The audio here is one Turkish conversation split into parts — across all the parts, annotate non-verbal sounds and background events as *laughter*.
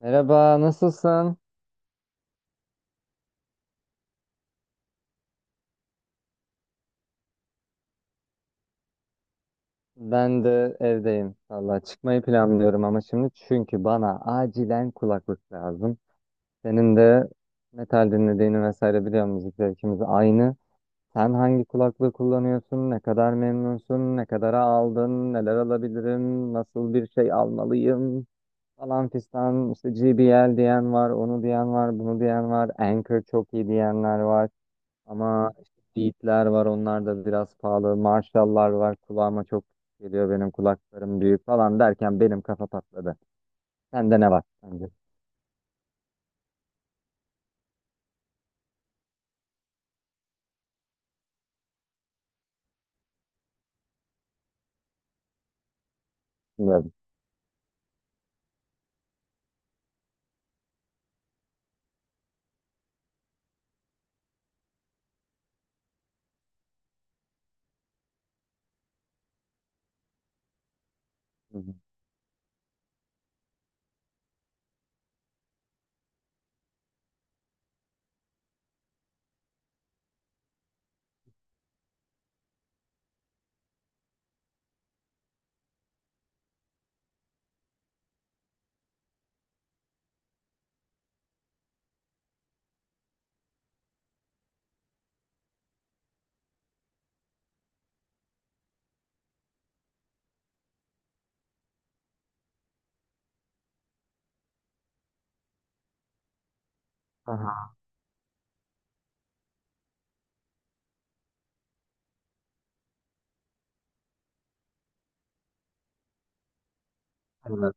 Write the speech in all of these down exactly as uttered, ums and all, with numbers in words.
Merhaba, nasılsın? Ben de evdeyim. Valla çıkmayı planlıyorum ama şimdi çünkü bana acilen kulaklık lazım. Senin de metal dinlediğini vesaire biliyorum, müzik zevkimiz aynı. Sen hangi kulaklığı kullanıyorsun? Ne kadar memnunsun? Ne kadara aldın? Neler alabilirim? Nasıl bir şey almalıyım? Falan fistan işte, G B L diyen var, onu diyen var, bunu diyen var. Anchor çok iyi diyenler var. Ama işte Beat'ler var, onlar da biraz pahalı. Marshall'lar var, kulağıma çok geliyor, benim kulaklarım büyük falan derken benim kafa patladı. Sende ne var sence? Bilmiyorum. Hı hı. Aha, evet.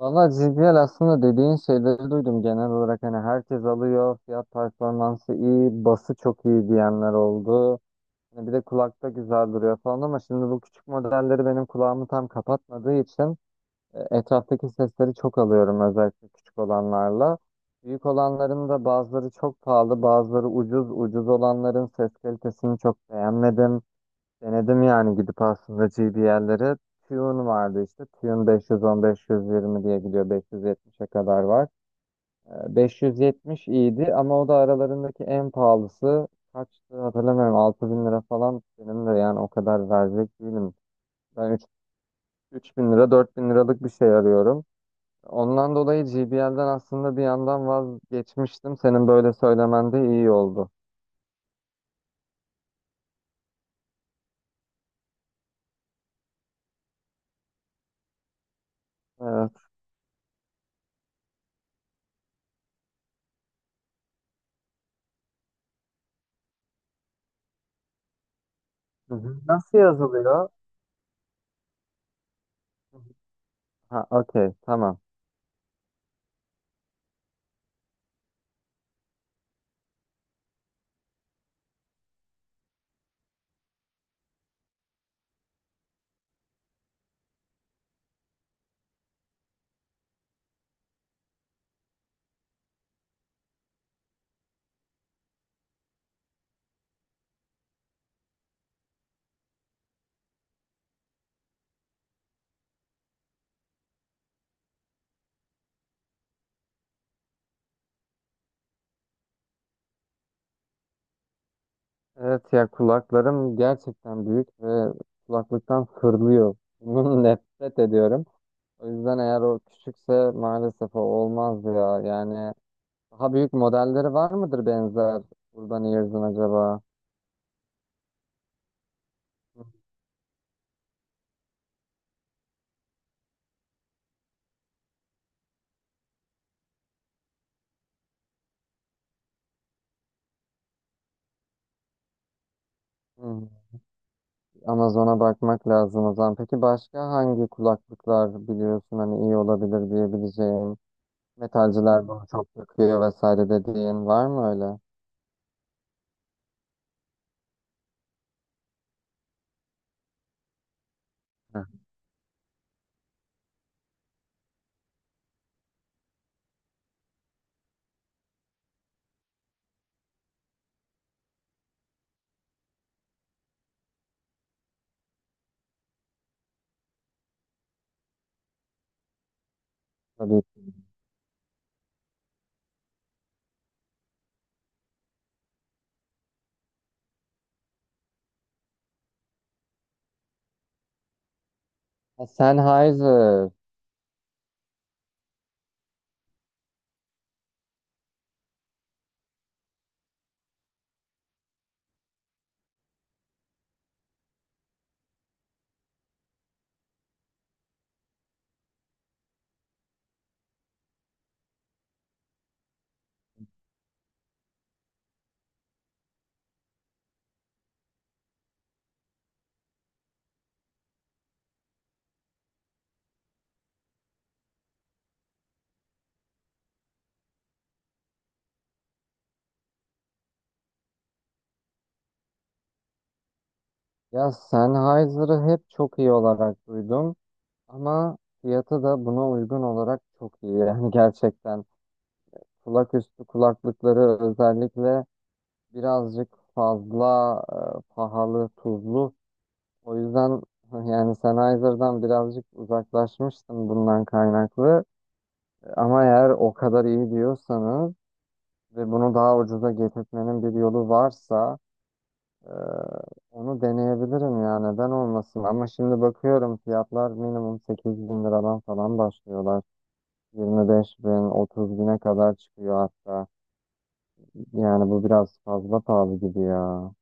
Valla J B L aslında dediğin şeyleri duydum. Genel olarak hani herkes alıyor. Fiyat performansı iyi. Bası çok iyi diyenler oldu. Hani bir de kulakta güzel duruyor falan, ama şimdi bu küçük modelleri benim kulağımı tam kapatmadığı için etraftaki sesleri çok alıyorum, özellikle küçük olanlarla. Büyük olanların da bazıları çok pahalı, bazıları ucuz. Ucuz olanların ses kalitesini çok beğenmedim. Denedim yani, gidip aslında G B L'lere. Tune vardı işte. Tune beş yüz on beş yüz yirmi diye gidiyor. beş yüz yetmişe kadar var. Ee, beş yüz yetmiş iyiydi ama o da aralarındaki en pahalısı. Kaçtı hatırlamıyorum, altı bin lira falan. Benim de yani o kadar verecek değilim. Ben üç, bin lira dört bin liralık bir şey arıyorum. Ondan dolayı G B L'den aslında bir yandan vazgeçmiştim. Senin böyle söylemen de iyi oldu. Evet. Hı hı. Nasıl yazılıyor? Ha, okey, tamam. Evet ya, kulaklarım gerçekten büyük ve kulaklıktan fırlıyor. Bunun *laughs* nefret ediyorum. O yüzden eğer o küçükse maalesef o olmaz ya. Yani daha büyük modelleri var mıdır, benzer Urban Ears'ın acaba? Hı. Amazon'a bakmak lazım o zaman. Peki başka hangi kulaklıklar biliyorsun hani iyi olabilir diyebileceğin? Metalciler bunu çok takıyor vesaire dediğin var mı öyle? Heh. Tabii. Ha, Sennheiser. Ya, Sennheiser'ı hep çok iyi olarak duydum, ama fiyatı da buna uygun olarak çok iyi. *laughs* Yani gerçekten kulak üstü kulaklıkları özellikle birazcık fazla e, pahalı, tuzlu. O yüzden yani Sennheiser'dan birazcık uzaklaşmıştım bundan kaynaklı. Ama eğer o kadar iyi diyorsanız ve bunu daha ucuza getirtmenin bir yolu varsa e, onu deneyebilirim ya, neden olmasın. Ama şimdi bakıyorum, fiyatlar minimum sekiz bin liradan falan başlıyorlar. yirmi beş bin, otuz bine kadar çıkıyor hatta. Yani bu biraz fazla pahalı gibi ya.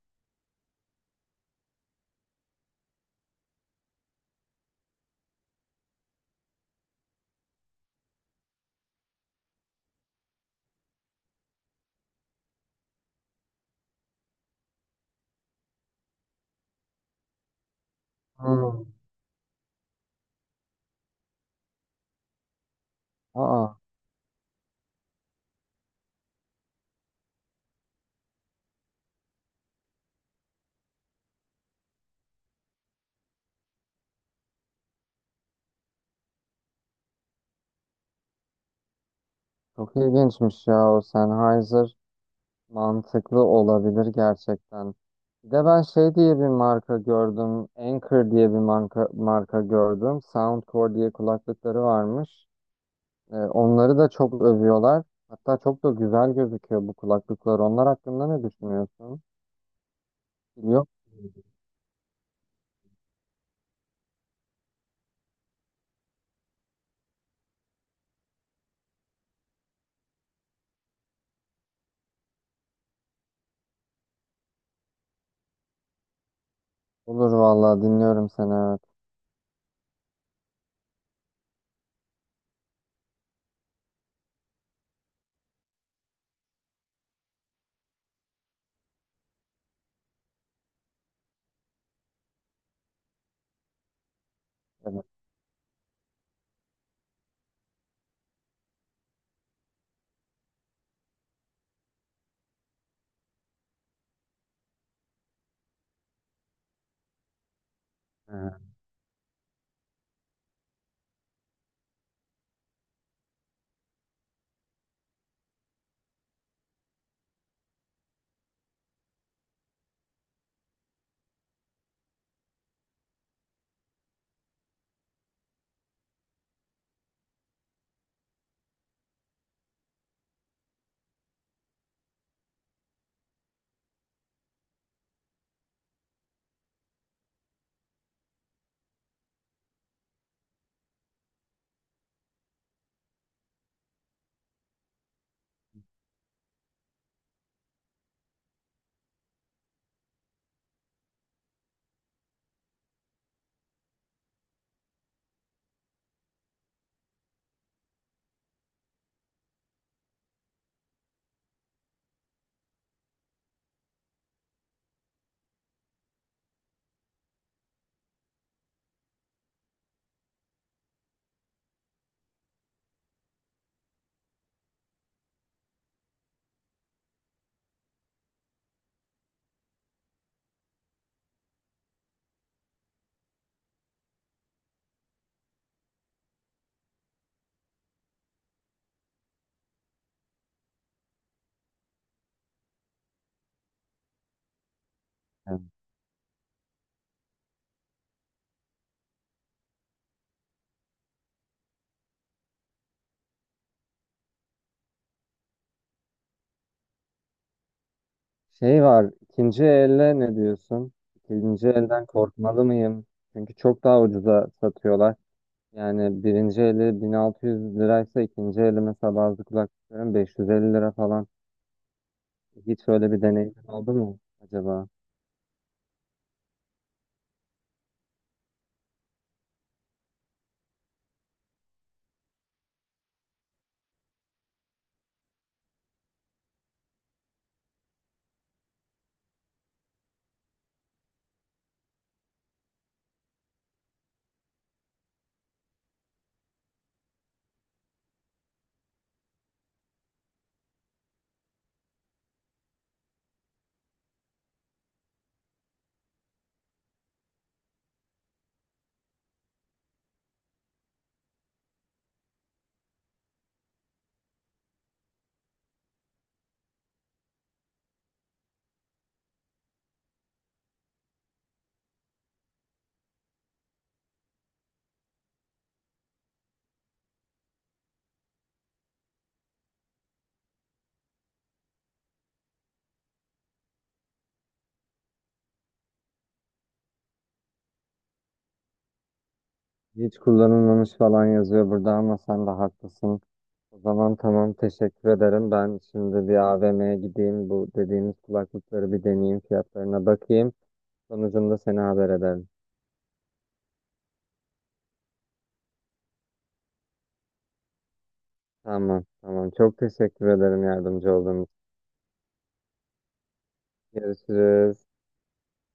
Hmm. Aa, çok ilginçmiş ya o Sennheiser. Mantıklı olabilir gerçekten. Bir de ben şey diye bir marka gördüm. Anchor diye bir marka, marka gördüm. Soundcore diye kulaklıkları varmış. Ee, onları da çok övüyorlar. Hatta çok da güzel gözüküyor bu kulaklıklar. Onlar hakkında ne düşünüyorsun? Yok. Olur vallahi, dinliyorum seni. Evet. Evet. Evet. Evet. Şey var, ikinci elle ne diyorsun? İkinci elden korkmalı mıyım? Çünkü çok daha ucuza satıyorlar. Yani birinci eli bin altı yüz liraysa ikinci eli mesela bazı kulaklıkların beş yüz elli lira falan. Hiç öyle bir deneyim oldu mu acaba? Hiç kullanılmamış falan yazıyor burada, ama sen de haklısın. O zaman tamam, teşekkür ederim. Ben şimdi bir A V M'ye gideyim. Bu dediğimiz kulaklıkları bir deneyeyim. Fiyatlarına bakayım. Sonucunda seni haber ederim. Tamam tamam. Çok teşekkür ederim yardımcı olduğunuz için. Görüşürüz.